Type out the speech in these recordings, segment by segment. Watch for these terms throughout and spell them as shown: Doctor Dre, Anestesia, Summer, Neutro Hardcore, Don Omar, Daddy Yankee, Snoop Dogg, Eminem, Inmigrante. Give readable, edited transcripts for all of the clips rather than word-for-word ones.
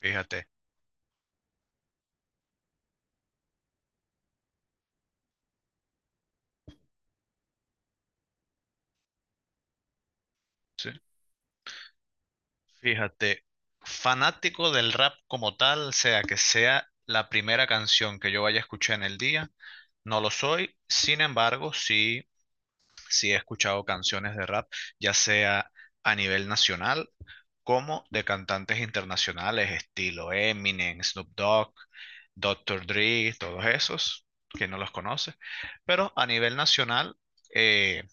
Fíjate, sí, fíjate, fanático del rap como tal, sea que sea la primera canción que yo vaya a escuchar en el día, no lo soy, sin embargo, sí, sí he escuchado canciones de rap, ya sea a nivel nacional como de cantantes internacionales, estilo Eminem, Snoop Dogg, Doctor Dre, todos esos, que no los conoce, pero a nivel nacional, eh,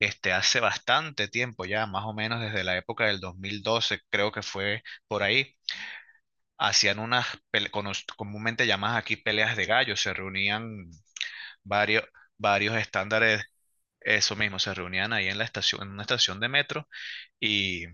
Hace bastante tiempo ya, más o menos desde la época del 2012 creo que fue por ahí, hacían unas, comúnmente llamadas aquí peleas de gallos, se reunían varios, varios estándares, eso mismo, se reunían ahí en la estación, en una estación de metro y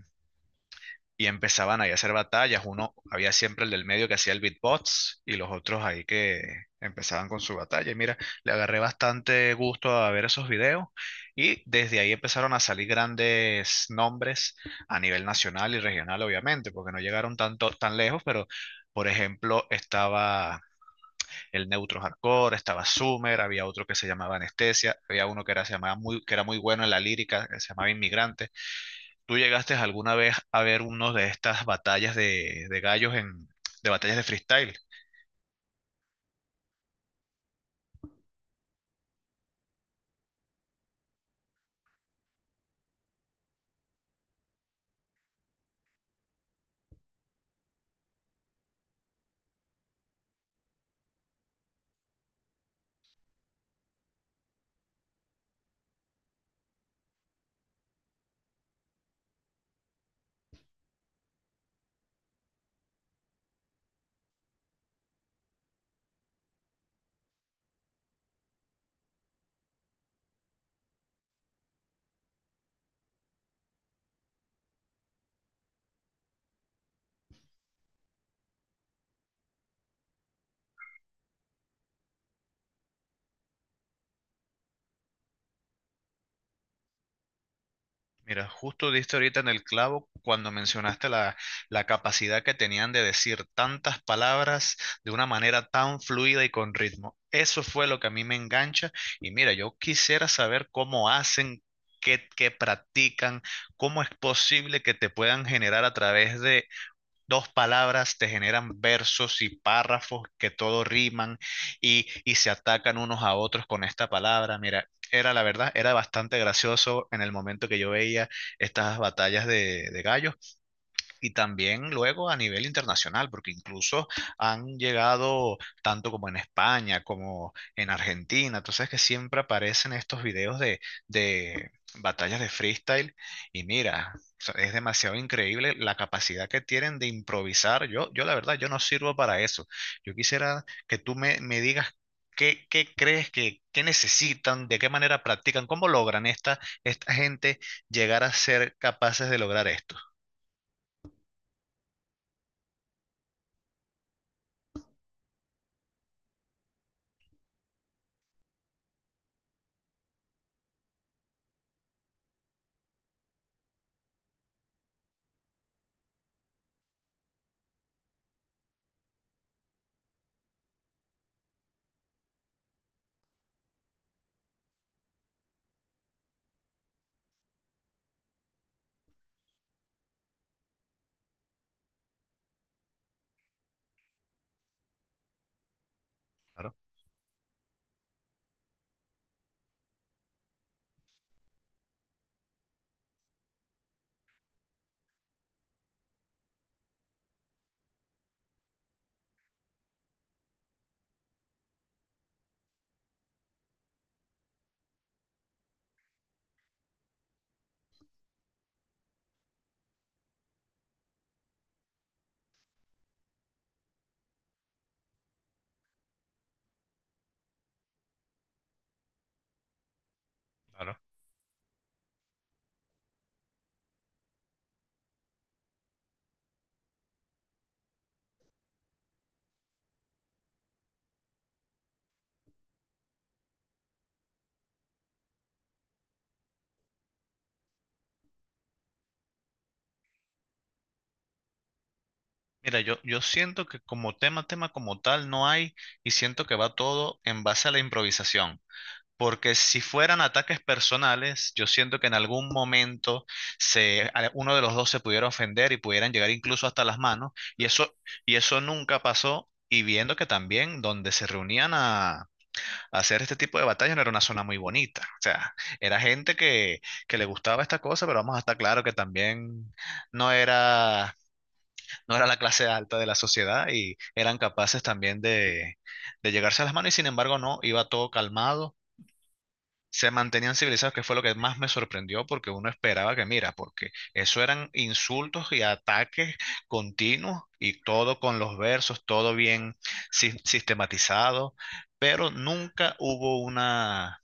y empezaban ahí a hacer batallas. Uno, había siempre el del medio que hacía el beatbox y los otros ahí que empezaban con su batalla. Y mira, le agarré bastante gusto a ver esos videos y desde ahí empezaron a salir grandes nombres a nivel nacional y regional, obviamente, porque no llegaron tanto, tan lejos, pero. Por ejemplo, estaba el Neutro Hardcore, estaba Summer, había otro que se llamaba Anestesia, había uno que era, se llamaba muy, que era muy bueno en la lírica, que se llamaba Inmigrante. ¿Tú llegaste alguna vez a ver uno de estas batallas de gallos en, de batallas de freestyle? Mira, justo diste ahorita en el clavo cuando mencionaste la capacidad que tenían de decir tantas palabras de una manera tan fluida y con ritmo. Eso fue lo que a mí me engancha. Y mira, yo quisiera saber cómo hacen, qué practican, cómo es posible que te puedan generar a través de dos palabras te generan versos y párrafos que todo riman y se atacan unos a otros con esta palabra. Mira, era la verdad, era bastante gracioso en el momento que yo veía estas batallas de gallos, y también luego a nivel internacional, porque incluso han llegado tanto como en España, como en Argentina. Entonces que siempre aparecen estos videos de batallas de freestyle y mira, o sea, es demasiado increíble la capacidad que tienen de improvisar. Yo la verdad, yo no sirvo para eso. Yo quisiera que tú me digas qué crees que qué necesitan, de qué manera practican, cómo logran esta gente llegar a ser capaces de lograr esto. Claro. Claro. Mira, yo siento que como tema, tema como tal no hay y siento que va todo en base a la improvisación. Porque si fueran ataques personales, yo siento que en algún momento uno de los dos se pudiera ofender y pudieran llegar incluso hasta las manos. Y eso, y eso nunca pasó. Y viendo que también donde se reunían a hacer este tipo de batallas no era una zona muy bonita. O sea, era gente que le gustaba esta cosa, pero vamos a estar claro que también no era no era la clase alta de la sociedad y eran capaces también de llegarse a las manos y sin embargo no, iba todo calmado, se mantenían civilizados, que fue lo que más me sorprendió porque uno esperaba que, mira, porque eso eran insultos y ataques continuos y todo con los versos, todo bien sistematizado, pero nunca hubo una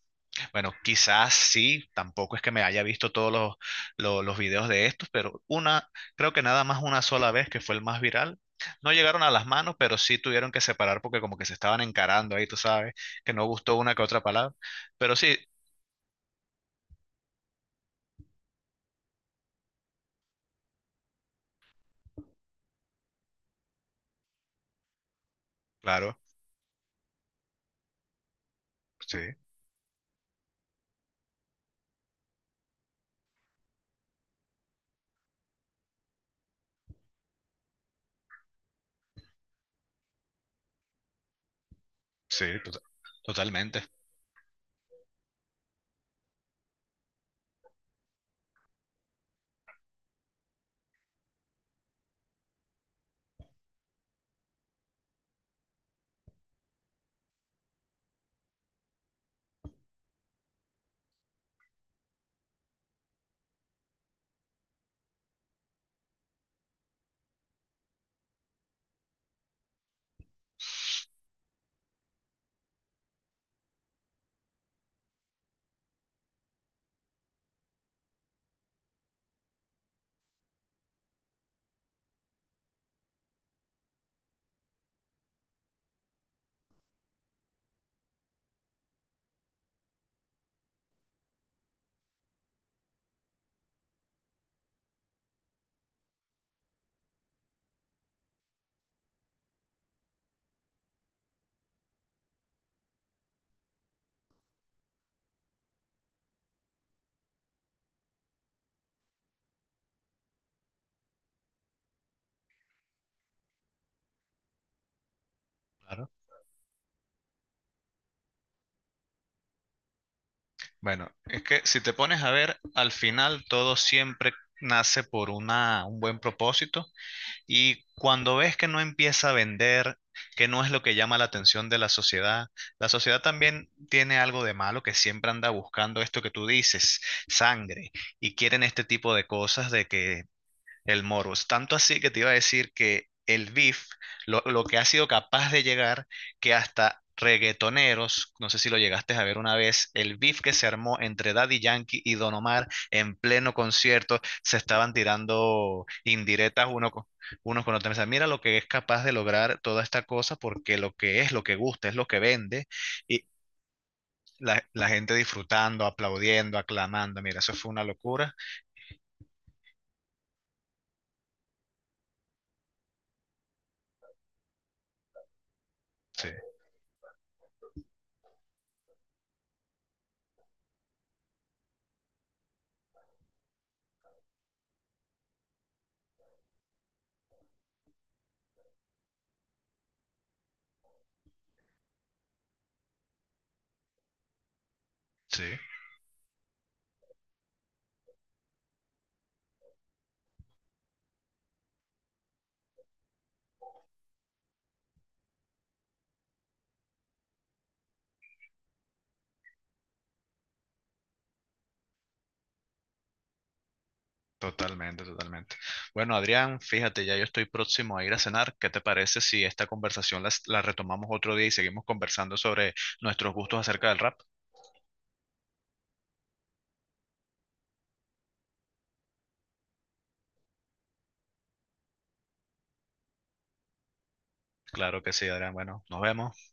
bueno, quizás sí, tampoco es que me haya visto todos los videos de estos, pero una, creo que nada más una sola vez que fue el más viral. No llegaron a las manos, pero sí tuvieron que separar porque como que se estaban encarando ahí, tú sabes, que no gustó una que otra palabra. Pero sí, claro, sí, sí, totalmente. Claro. Bueno, es que si te pones a ver, al final todo siempre nace por una, un buen propósito. Y cuando ves que no empieza a vender, que no es lo que llama la atención de la sociedad también tiene algo de malo que siempre anda buscando esto que tú dices, sangre, y quieren este tipo de cosas de que el Morus. Tanto así que te iba a decir que el beef, lo que ha sido capaz de llegar, que hasta reggaetoneros, no sé si lo llegaste a ver una vez, el beef que se armó entre Daddy Yankee y Don Omar en pleno concierto, se estaban tirando indirectas unos con otros. O sea, mira lo que es capaz de lograr toda esta cosa, porque lo que es, lo que gusta, es lo que vende, y la gente disfrutando, aplaudiendo, aclamando. Mira, eso fue una locura. Sí, sí. Totalmente, totalmente. Bueno, Adrián, fíjate, ya yo estoy próximo a ir a cenar. ¿Qué te parece si esta conversación retomamos otro día y seguimos conversando sobre nuestros gustos acerca del rap? Claro que sí, Adrián. Bueno, nos vemos.